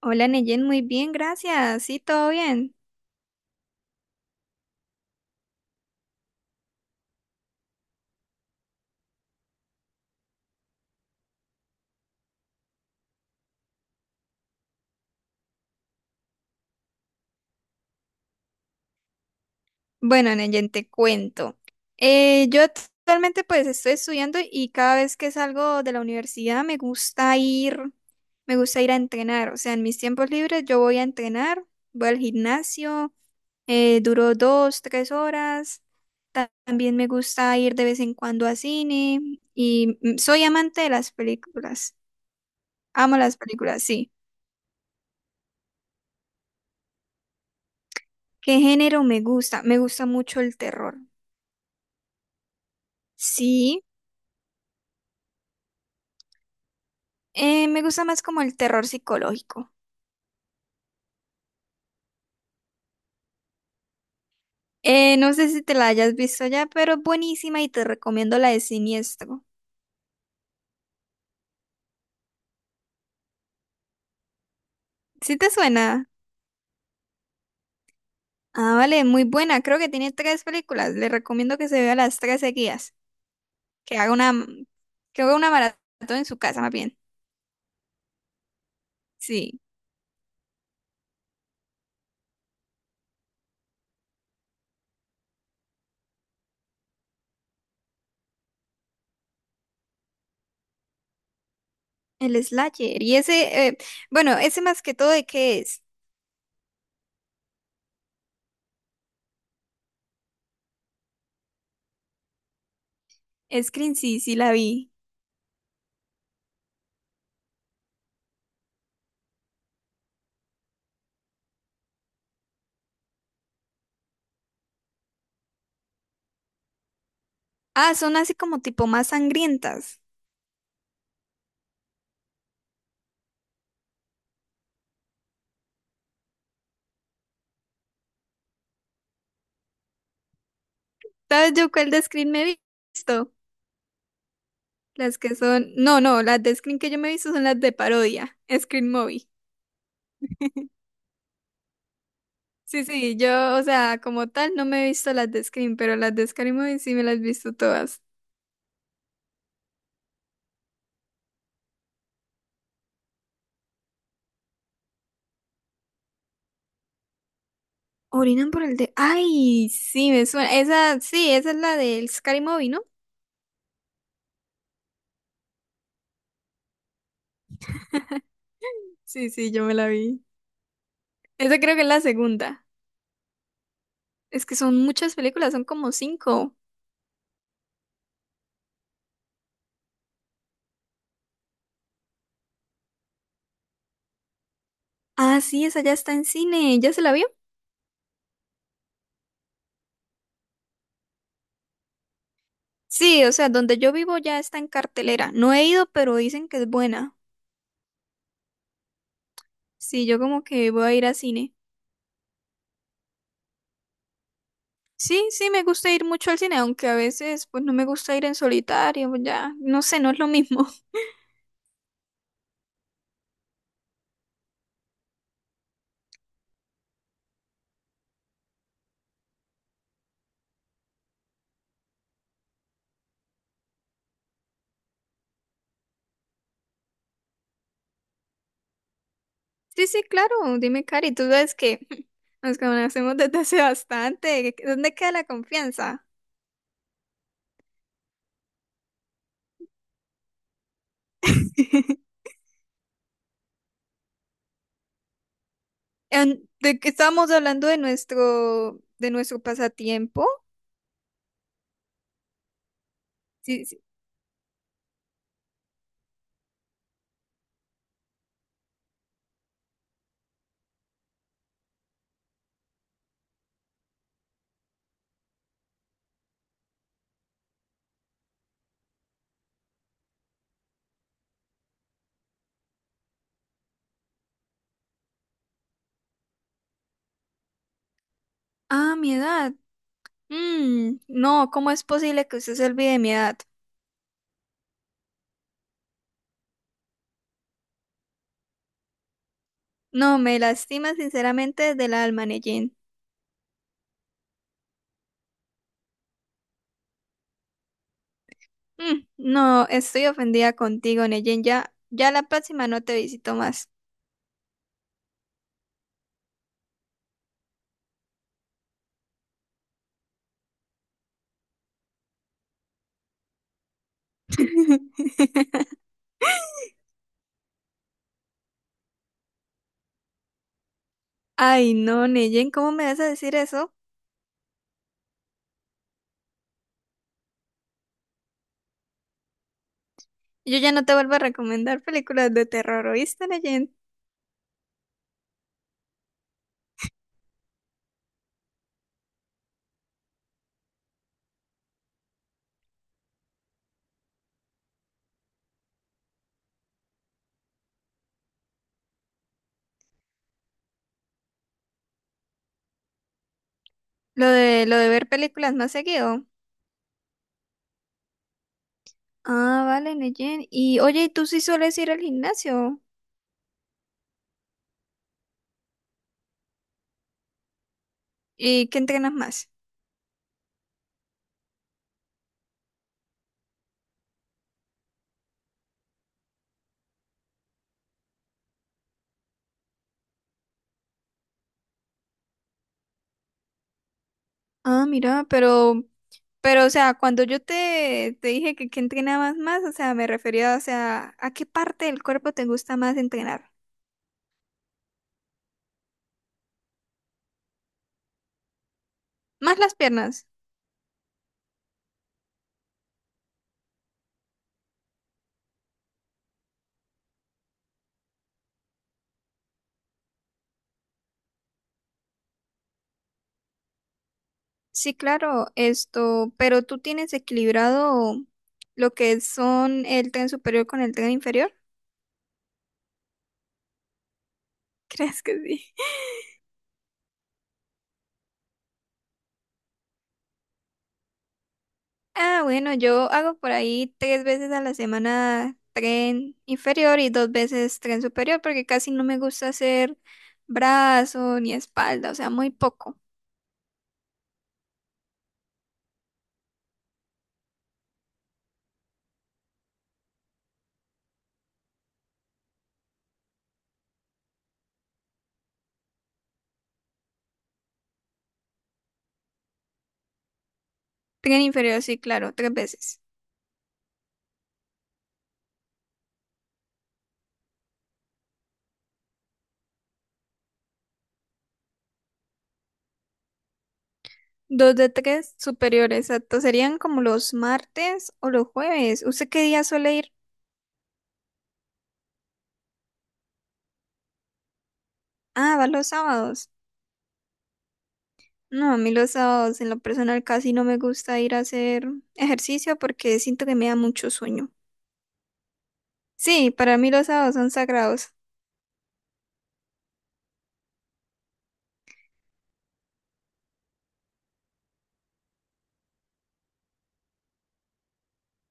Hola Neyen, muy bien, gracias. Sí, todo bien. Bueno, Neyen, te cuento. Yo actualmente pues estoy estudiando y cada vez que salgo de la universidad me gusta ir a entrenar. O sea, en mis tiempos libres yo voy a entrenar, voy al gimnasio, duro dos, tres horas. También me gusta ir de vez en cuando a cine y soy amante de las películas. Amo las películas, sí. ¿Qué género me gusta? Me gusta mucho el terror. Sí. Me gusta más como el terror psicológico. No sé si te la hayas visto ya, pero es buenísima y te recomiendo la de Siniestro. ¿Sí te suena? Ah, vale, muy buena. Creo que tiene tres películas. Le recomiendo que se vea las tres seguidas. Que haga una, que haga una maratón en su casa, más bien. Sí, el Slayer. Y ese, bueno, ese más que todo, ¿de qué es? Scream, sí, sí la vi. Ah, son así como tipo más sangrientas. ¿Sabes yo cuál de Scream me he visto? Las que son, no, no, las de Scream que yo me he visto son las de parodia, Scream Movie. Sí, sí, yo, o sea, como tal, no me he visto las de Scream, pero las de scary Movie sí me las he visto todas. Orinan por el de, ay, sí, me suena, esa, sí, esa es la del scary Movie, ¿no? Sí, sí, yo me la vi. Esa creo que es la segunda. Es que son muchas películas, son como cinco. Ah, sí, esa ya está en cine, ¿ya se la vio? Sí, o sea, donde yo vivo ya está en cartelera. No he ido, pero dicen que es buena. Sí, yo como que voy a ir a cine. Sí, sí, me gusta ir mucho al cine, aunque a veces pues no me gusta ir en solitario, pues, ya, no sé, no es lo mismo. Sí, sí, claro, dime, Cari, tú sabes que nos conocemos desde hace bastante, ¿dónde queda la confianza? En- de que estábamos hablando de nuestro pasatiempo. Sí, sí. Ah, mi edad. Mm, no, ¿cómo es posible que usted se olvide de mi edad? No, me lastima sinceramente del alma, Neyen. Mm, no, estoy ofendida contigo, Neyen. Ya la próxima no te visito más. Ay, no, Neyen, ¿cómo me vas a decir eso? Yo ya no te vuelvo a recomendar películas de terror, ¿oíste, Neyen? Lo de ver películas más seguido. Ah, vale, Neyen. Y oye, ¿y ¿tú sí sueles ir al gimnasio? ¿Y qué entrenas más? Ah, mira, pero, o sea, te dije que qué entrenabas más, o sea, me refería, o sea, ¿a qué parte del cuerpo te gusta más entrenar? ¿Más las piernas? Sí, claro, esto, pero tú tienes equilibrado lo que son el tren superior con el tren inferior. ¿Crees que sí? Ah, bueno, yo hago por ahí tres veces a la semana tren inferior y dos veces tren superior porque casi no me gusta hacer brazo ni espalda, o sea, muy poco. Tren inferior, sí, claro, tres veces. Dos de tres superiores, exacto. Serían como los martes o los jueves. ¿Usted qué día suele ir? Ah, va los sábados. No, a mí los sábados en lo personal casi no me gusta ir a hacer ejercicio porque siento que me da mucho sueño. Sí, para mí los sábados son sagrados.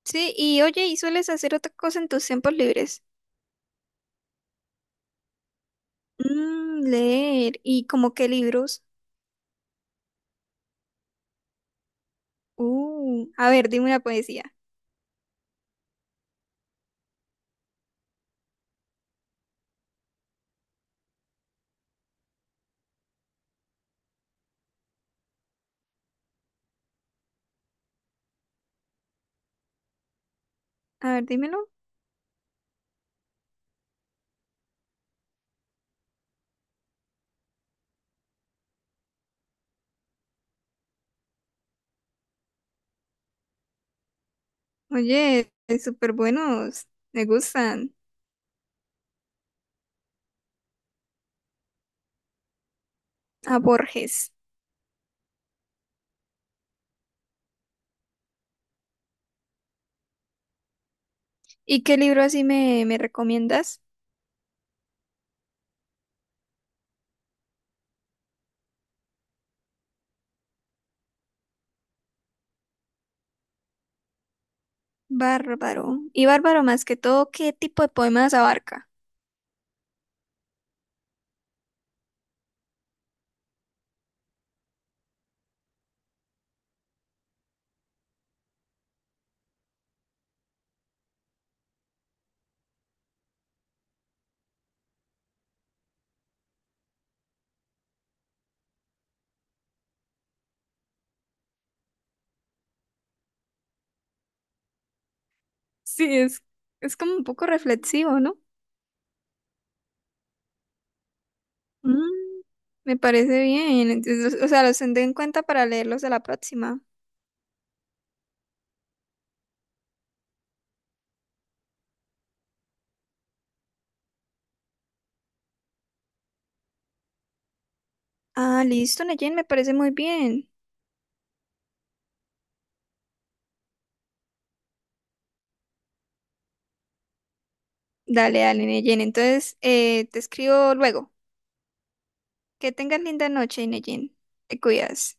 Sí, y oye, ¿y sueles hacer otra cosa en tus tiempos libres? Mm, leer. ¿Y como qué libros? A ver, dime una poesía. A ver, dímelo. Oye, súper buenos. Me gustan. A Borges. ¿Y qué libro así me, me recomiendas? Bárbaro. Y bárbaro más que todo, ¿qué tipo de poemas abarca? Sí, es como un poco reflexivo, ¿no? Mm, me parece bien. Entonces, o sea, los tendré en cuenta para leerlos de la próxima. Ah, listo, Neyen, me parece muy bien. Dale, dale, Neyen. Entonces, te escribo luego. Que tengas linda noche, Neyen. Te cuidas.